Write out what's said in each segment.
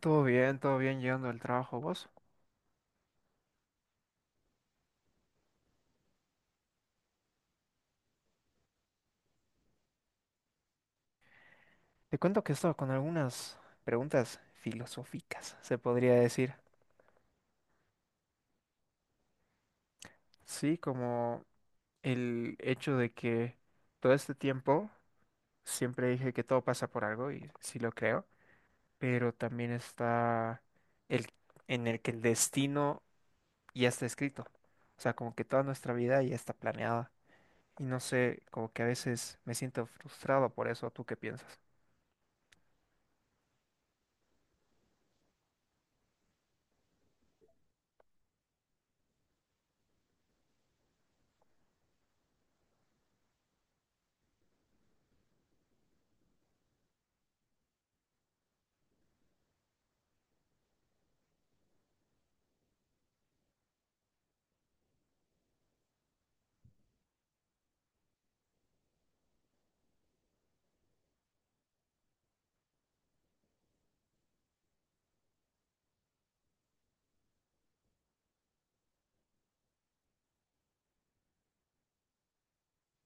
Todo bien llegando al trabajo, vos. Te cuento que estaba con algunas preguntas filosóficas, se podría decir. Sí, como el hecho de que todo este tiempo siempre dije que todo pasa por algo y sí lo creo, pero también está el en el que el destino ya está escrito. O sea, como que toda nuestra vida ya está planeada. Y no sé, como que a veces me siento frustrado por eso. ¿Tú qué piensas?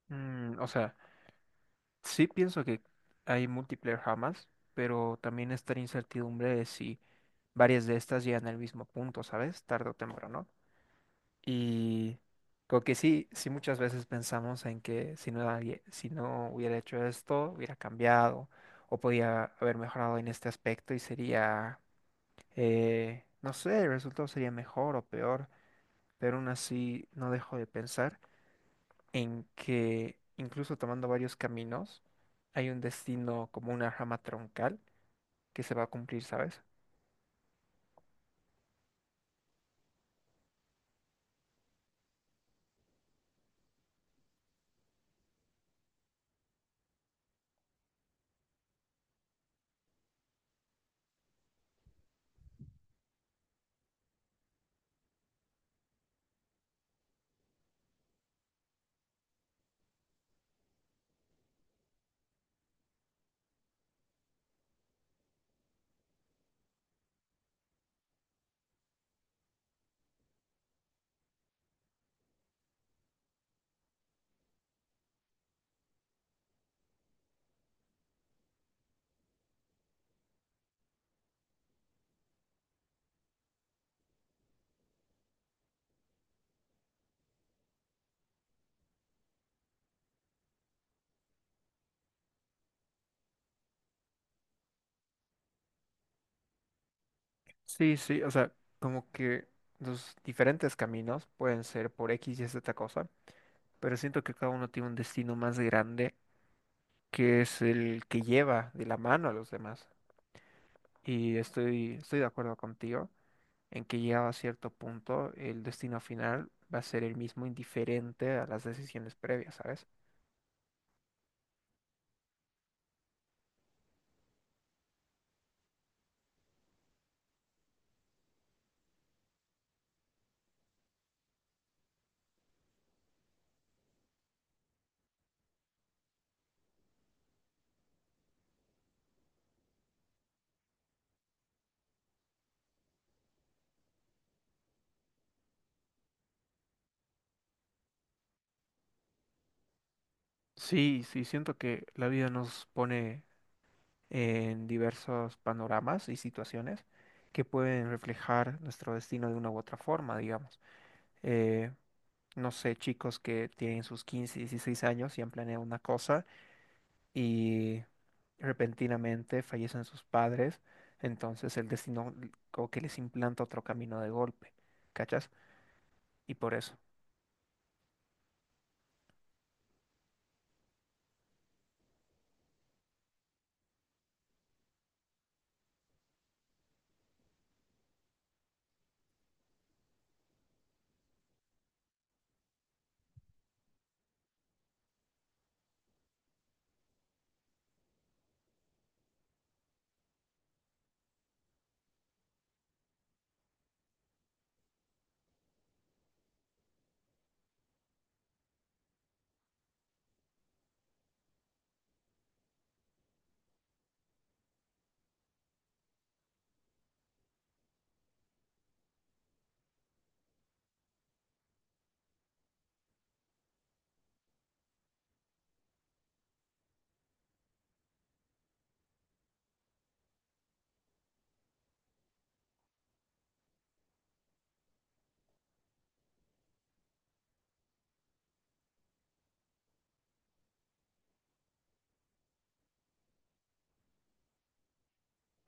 Mm, o sea. Sí pienso que hay multiplayer jamás, pero también está la incertidumbre de si varias de estas llegan al mismo punto, ¿sabes? Tarde o temprano. Y creo que sí, sí muchas veces pensamos en que si no, si no hubiera hecho esto, hubiera cambiado o podía haber mejorado en este aspecto y sería, no sé, el resultado sería mejor o peor, pero aún así no dejo de pensar en que incluso tomando varios caminos, hay un destino como una rama troncal que se va a cumplir, ¿sabes? Sí, sí, o sea, como que los diferentes caminos pueden ser por X y Z cosa, pero siento que cada uno tiene un destino más grande que es el que lleva de la mano a los demás. Y estoy de acuerdo contigo en que llegado a cierto punto, el destino final va a ser el mismo indiferente a las decisiones previas, ¿sabes? Sí, sí, siento que la vida nos pone en diversos panoramas y situaciones que pueden reflejar nuestro destino de una u otra forma, digamos. Eh, no sé, chicos que tienen sus 15, 16 años y han planeado una cosa y repentinamente fallecen sus padres, entonces el destino como que les implanta otro camino de golpe, ¿cachas? Y por eso.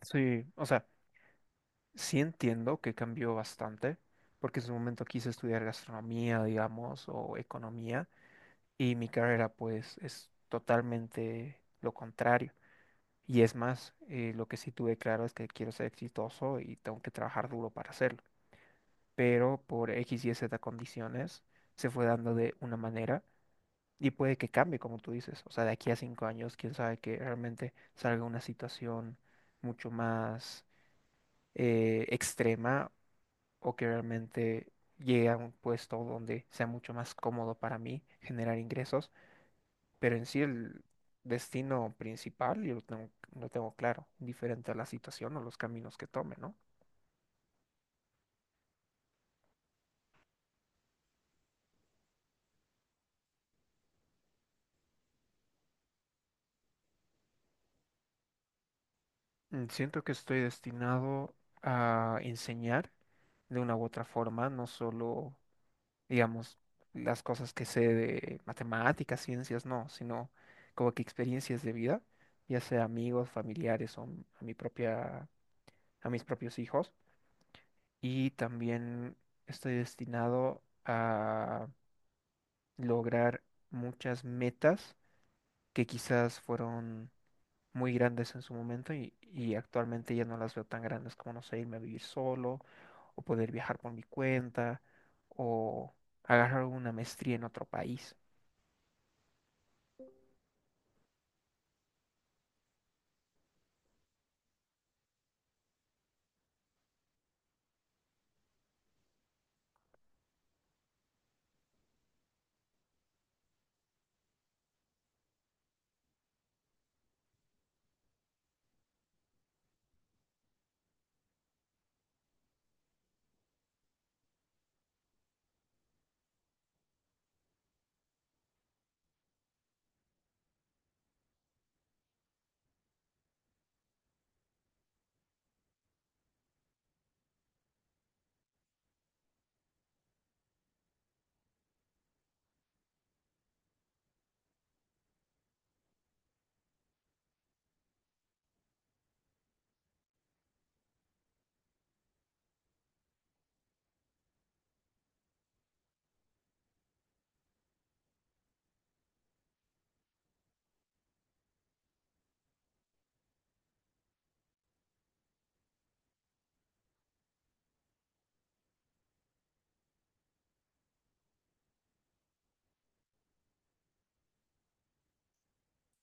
Sí, o sea. Sí entiendo que cambió bastante, porque en su momento quise estudiar gastronomía, digamos, o economía, y mi carrera pues es totalmente lo contrario. Y es más, lo que sí tuve claro es que quiero ser exitoso y tengo que trabajar duro para hacerlo. Pero por X y Z condiciones se fue dando de una manera y puede que cambie, como tú dices. O sea, de aquí a 5 años, quién sabe que realmente salga una situación mucho más extrema o que realmente llegue a un puesto donde sea mucho más cómodo para mí generar ingresos, pero en sí el destino principal yo lo tengo claro, diferente a la situación o los caminos que tome, ¿no? Mm, siento que estoy destinado a enseñar de una u otra forma, no solo, digamos, las cosas que sé de matemáticas, ciencias, no, sino como que experiencias de vida, ya sea amigos, familiares o a mi propia, a mis propios hijos y también estoy destinado a lograr muchas metas que quizás fueron muy grandes en su momento y actualmente ya no las veo tan grandes como, no sé, irme a vivir solo o poder viajar por mi cuenta o agarrar una maestría en otro país.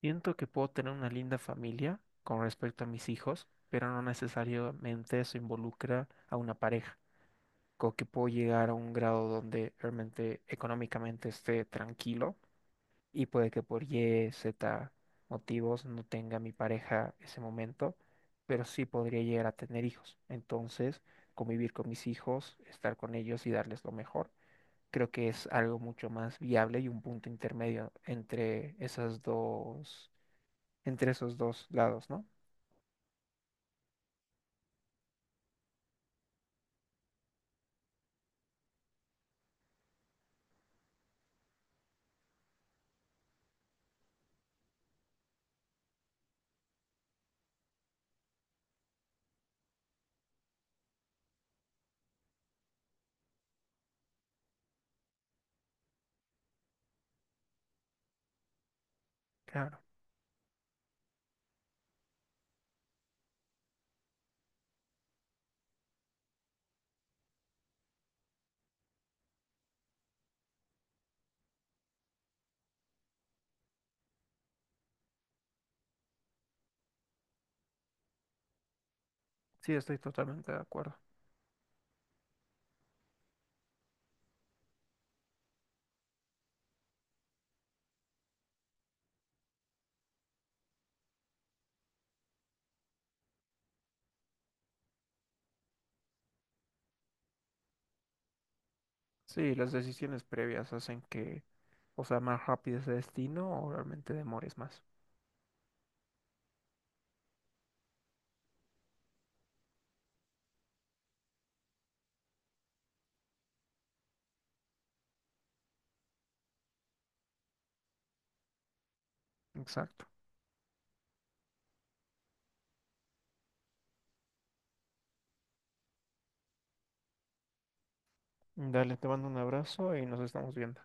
Siento que puedo tener una linda familia con respecto a mis hijos, pero no necesariamente eso involucra a una pareja. Creo que puedo llegar a un grado donde realmente económicamente esté tranquilo y puede que por Y, Z motivos no tenga mi pareja ese momento, pero sí podría llegar a tener hijos. Entonces, convivir con mis hijos, estar con ellos y darles lo mejor, creo que es algo mucho más viable y un punto intermedio entre esas dos, entre esos dos lados, ¿no? Claro, sí, estoy totalmente de acuerdo. Sí, las decisiones previas hacen que, o sea, más rápido ese destino o realmente demores más. Exacto. Dale, te mando un abrazo y nos estamos viendo.